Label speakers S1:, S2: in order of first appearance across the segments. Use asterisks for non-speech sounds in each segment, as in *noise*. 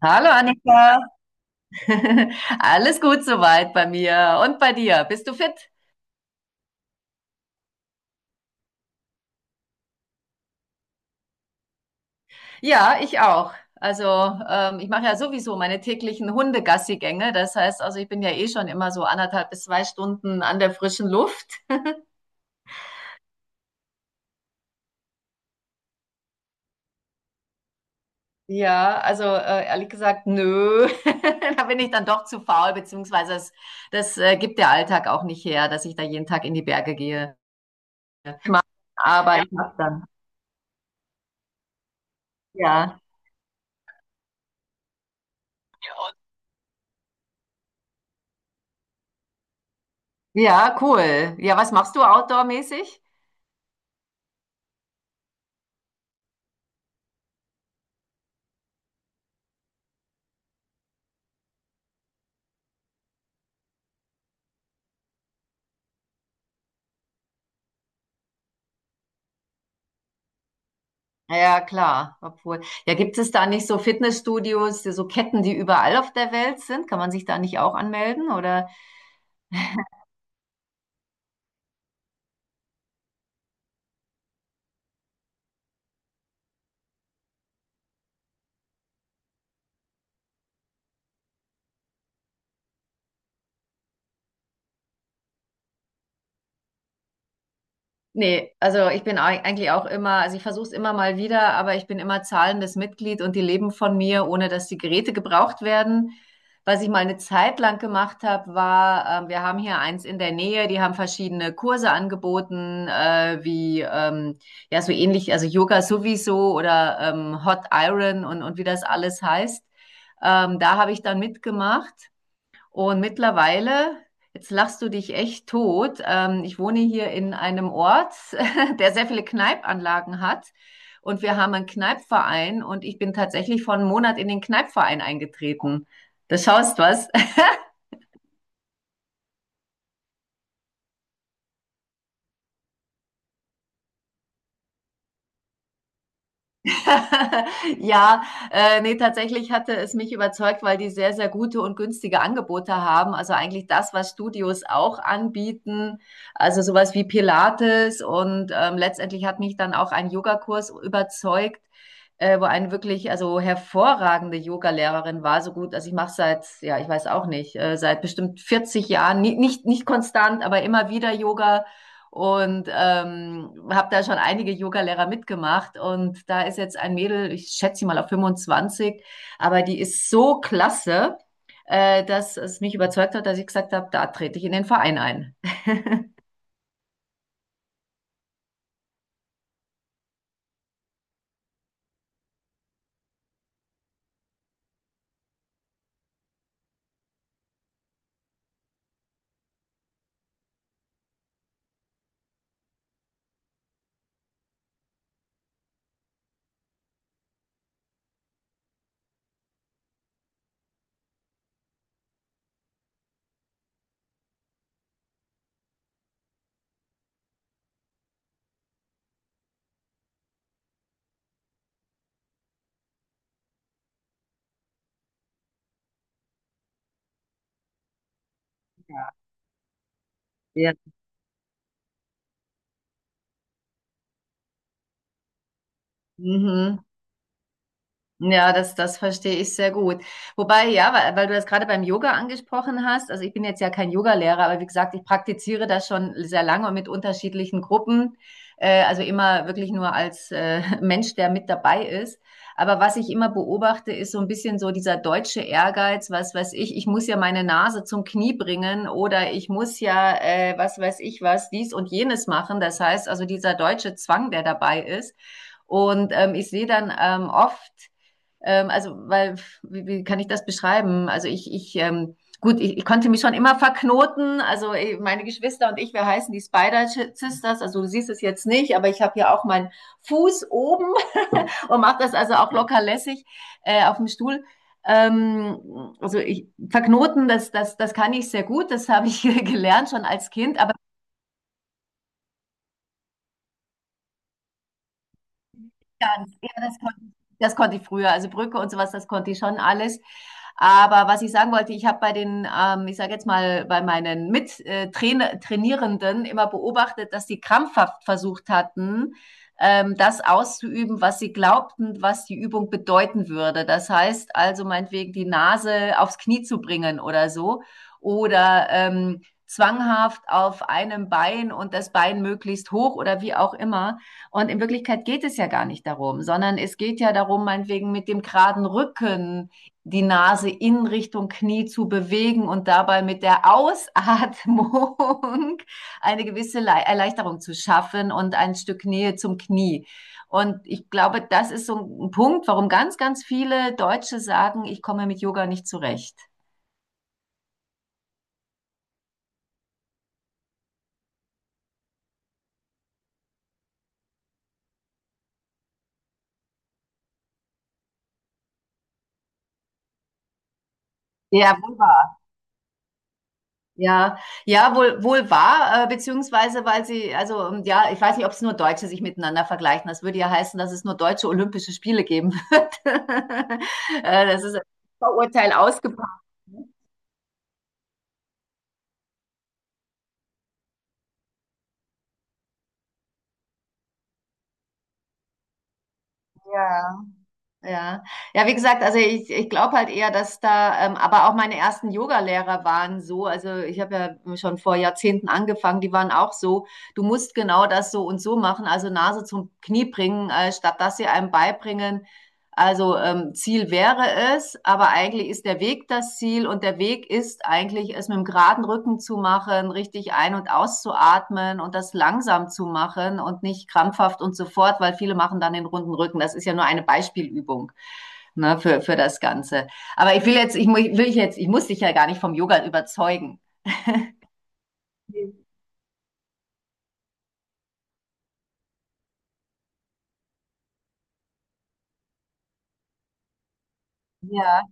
S1: Hallo Annika, *laughs* alles gut soweit bei mir und bei dir. Bist du fit? Ja, ich auch. Also ich mache ja sowieso meine täglichen Hundegassigänge. Das heißt, also ich bin ja eh schon immer so anderthalb bis zwei Stunden an der frischen Luft. Ja, also ehrlich gesagt, nö. *laughs* Da bin ich dann doch zu faul, beziehungsweise das gibt der Alltag auch nicht her, dass ich da jeden Tag in die Berge gehe. Aber ich mach's dann. Ja. Ja, cool. Ja, was machst du outdoor-mäßig? Ja, ja, klar. Obwohl, ja, gibt es da nicht so Fitnessstudios, so Ketten, die überall auf der Welt sind? Kann man sich da nicht auch anmelden? Oder? Nee, also ich bin eigentlich auch immer, also ich versuche es immer mal wieder, aber ich bin immer zahlendes Mitglied und die leben von mir, ohne dass die Geräte gebraucht werden. Was ich mal eine Zeit lang gemacht habe, war, wir haben hier eins in der Nähe, die haben verschiedene Kurse angeboten, wie ja so ähnlich, also Yoga sowieso oder Hot Iron und wie das alles heißt. Da habe ich dann mitgemacht. Und mittlerweile, jetzt lachst du dich echt tot, ich wohne hier in einem Ort, *laughs* der sehr viele Kneipanlagen hat. Und wir haben einen Kneipverein und ich bin tatsächlich vor einem Monat in den Kneipverein eingetreten. Das schaust was. *laughs* Ja, ne, tatsächlich hatte es mich überzeugt, weil die sehr, sehr gute und günstige Angebote haben. Also eigentlich das, was Studios auch anbieten. Also sowas wie Pilates und letztendlich hat mich dann auch ein Yogakurs überzeugt, wo eine wirklich also hervorragende Yoga-Lehrerin war. So gut, also ich mache seit, ja, ich weiß auch nicht, seit bestimmt 40 Jahren, nicht konstant, aber immer wieder Yoga und habe da schon einige Yoga-Lehrer mitgemacht. Und da ist jetzt ein Mädel, ich schätze sie mal auf 25, aber die ist so klasse, dass es mich überzeugt hat, dass ich gesagt habe, da trete ich in den Verein ein. Ja. Ja. Mhm. Ja, das verstehe ich sehr gut. Wobei, ja, weil du das gerade beim Yoga angesprochen hast, also ich bin jetzt ja kein Yogalehrer, aber wie gesagt, ich praktiziere das schon sehr lange und mit unterschiedlichen Gruppen, also immer wirklich nur als *laughs* Mensch, der mit dabei ist. Aber was ich immer beobachte, ist so ein bisschen so dieser deutsche Ehrgeiz, was weiß ich, ich muss ja meine Nase zum Knie bringen oder ich muss ja, was weiß ich was, dies und jenes machen. Das heißt also dieser deutsche Zwang, der dabei ist. Und ich sehe dann oft, also, weil, wie kann ich das beschreiben? Also gut, ich konnte mich schon immer verknoten. Also meine Geschwister und ich, wir heißen die Spider Sisters. Also du siehst es jetzt nicht, aber ich habe hier auch meinen Fuß oben *laughs* und mache das also auch locker lässig auf dem Stuhl. Ähm, also verknoten, das kann ich sehr gut. Das habe ich *laughs* gelernt schon als Kind. Aber ganz, ja, das konnte ich früher. Also Brücke und sowas, das konnte ich schon alles. Aber was ich sagen wollte, ich habe bei den, ich sage jetzt mal, bei meinen Mittrainierenden immer beobachtet, dass die krampfhaft versucht hatten, das auszuüben, was sie glaubten, was die Übung bedeuten würde. Das heißt also meinetwegen die Nase aufs Knie zu bringen oder so. Oder zwanghaft auf einem Bein und das Bein möglichst hoch oder wie auch immer. Und in Wirklichkeit geht es ja gar nicht darum, sondern es geht ja darum, meinetwegen mit dem geraden Rücken die Nase in Richtung Knie zu bewegen und dabei mit der Ausatmung *laughs* eine gewisse Erleichterung zu schaffen und ein Stück Nähe zum Knie. Und ich glaube, das ist so ein Punkt, warum ganz, ganz viele Deutsche sagen, ich komme mit Yoga nicht zurecht. Der wohl Ja, ja, wohl, wohl wahr, beziehungsweise weil sie, also ja, ich weiß nicht, ob es nur Deutsche sich miteinander vergleichen. Das würde ja heißen, dass es nur deutsche Olympische Spiele geben wird. *laughs* Das ist ein Vorurteil ausgepackt. Ja, ja. Ja, wie gesagt, also ich glaube halt eher, dass da, aber auch meine ersten Yoga-Lehrer waren so, also ich habe ja schon vor Jahrzehnten angefangen, die waren auch so, du musst genau das so und so machen, also Nase zum Knie bringen, statt dass sie einem beibringen, Also Ziel wäre es, aber eigentlich ist der Weg das Ziel und der Weg ist eigentlich, es mit dem geraden Rücken zu machen, richtig ein- und auszuatmen und das langsam zu machen und nicht krampfhaft und so fort, weil viele machen dann den runden Rücken. Das ist ja nur eine Beispielübung, ne, für das Ganze. Aber ich will jetzt, ich, mu- will ich jetzt, ich muss dich ja gar nicht vom Yoga überzeugen. Ja,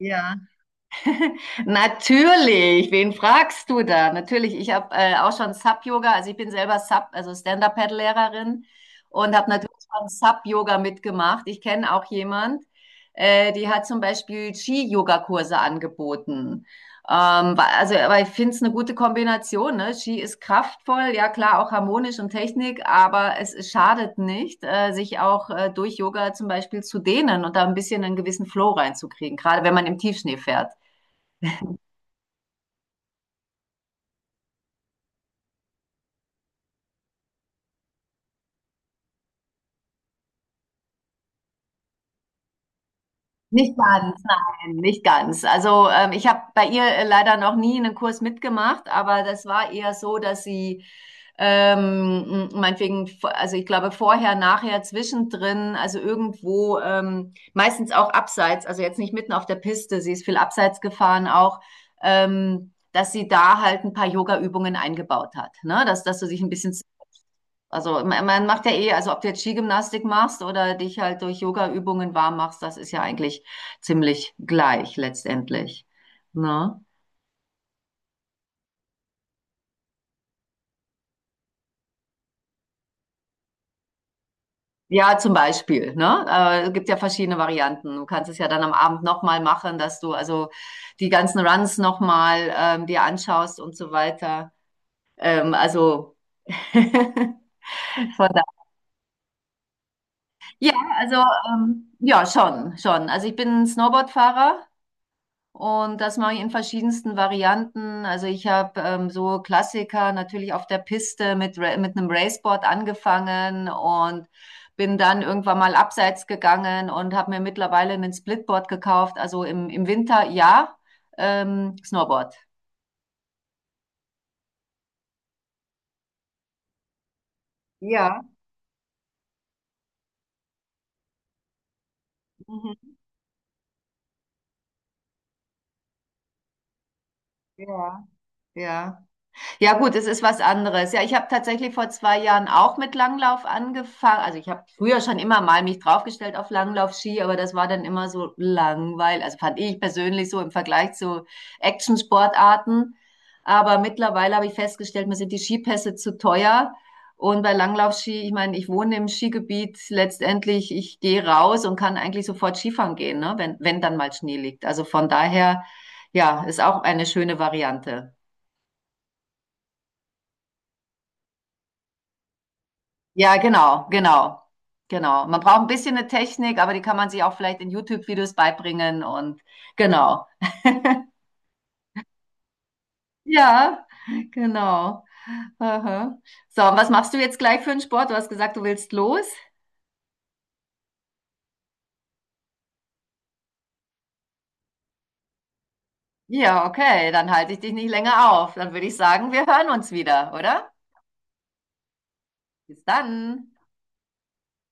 S1: ja. Natürlich, wen fragst du da? Natürlich, ich habe auch schon Sub-Yoga, also ich bin selber Sub, also Stand-Up-Paddle-Lehrerin und habe natürlich schon Sub-Yoga mitgemacht. Ich kenne auch jemand, die hat zum Beispiel Ski-Yoga-Kurse angeboten. Also, aber ich finde es eine gute Kombination. Ne? Ski ist kraftvoll, ja klar, auch harmonisch und Technik, aber es schadet nicht, sich auch durch Yoga zum Beispiel zu dehnen und da ein bisschen einen gewissen Flow reinzukriegen, gerade wenn man im Tiefschnee fährt. Nicht ganz, nein, nicht ganz. Also ich habe bei ihr leider noch nie einen Kurs mitgemacht, aber das war eher so, dass sie meinetwegen, also ich glaube vorher, nachher, zwischendrin, also irgendwo, meistens auch abseits, also jetzt nicht mitten auf der Piste, sie ist viel abseits gefahren auch, dass sie da halt ein paar Yoga-Übungen eingebaut hat, ne? Dass du dich ein bisschen, also man macht ja eh, also ob du jetzt Skigymnastik machst oder dich halt durch Yoga-Übungen warm machst, das ist ja eigentlich ziemlich gleich letztendlich. Ne? Ja, zum Beispiel, ne? Es gibt ja verschiedene Varianten. Du kannst es ja dann am Abend nochmal machen, dass du also die ganzen Runs nochmal dir anschaust und so weiter. Also *laughs* von da. Ja, also ja, schon, schon. Also ich bin Snowboardfahrer. Und das mache ich in verschiedensten Varianten. Also ich habe so Klassiker natürlich auf der Piste mit einem Raceboard angefangen und bin dann irgendwann mal abseits gegangen und habe mir mittlerweile einen Splitboard gekauft. Also im Winter ja, Snowboard. Ja, mhm. Ja, ja. Ja gut, es ist was anderes. Ja, ich habe tatsächlich vor 2 Jahren auch mit Langlauf angefangen. Also ich habe früher schon immer mal mich draufgestellt auf Langlaufski, aber das war dann immer so langweilig. Also fand ich persönlich so im Vergleich zu Action-Sportarten. Aber mittlerweile habe ich festgestellt, mir sind die Skipässe zu teuer. Und bei Langlaufski, ich meine, ich wohne im Skigebiet letztendlich, ich gehe raus und kann eigentlich sofort Skifahren gehen, ne? Wenn dann mal Schnee liegt. Also von daher, ja, ist auch eine schöne Variante. Ja, genau, genau, genau. Man braucht ein bisschen eine Technik, aber die kann man sich auch vielleicht in YouTube-Videos beibringen und genau. Ja, genau. Aha. So, und was machst du jetzt gleich für einen Sport? Du hast gesagt, du willst los? Ja, okay, dann halte ich dich nicht länger auf. Dann würde ich sagen, wir hören uns wieder, oder? Bis dann.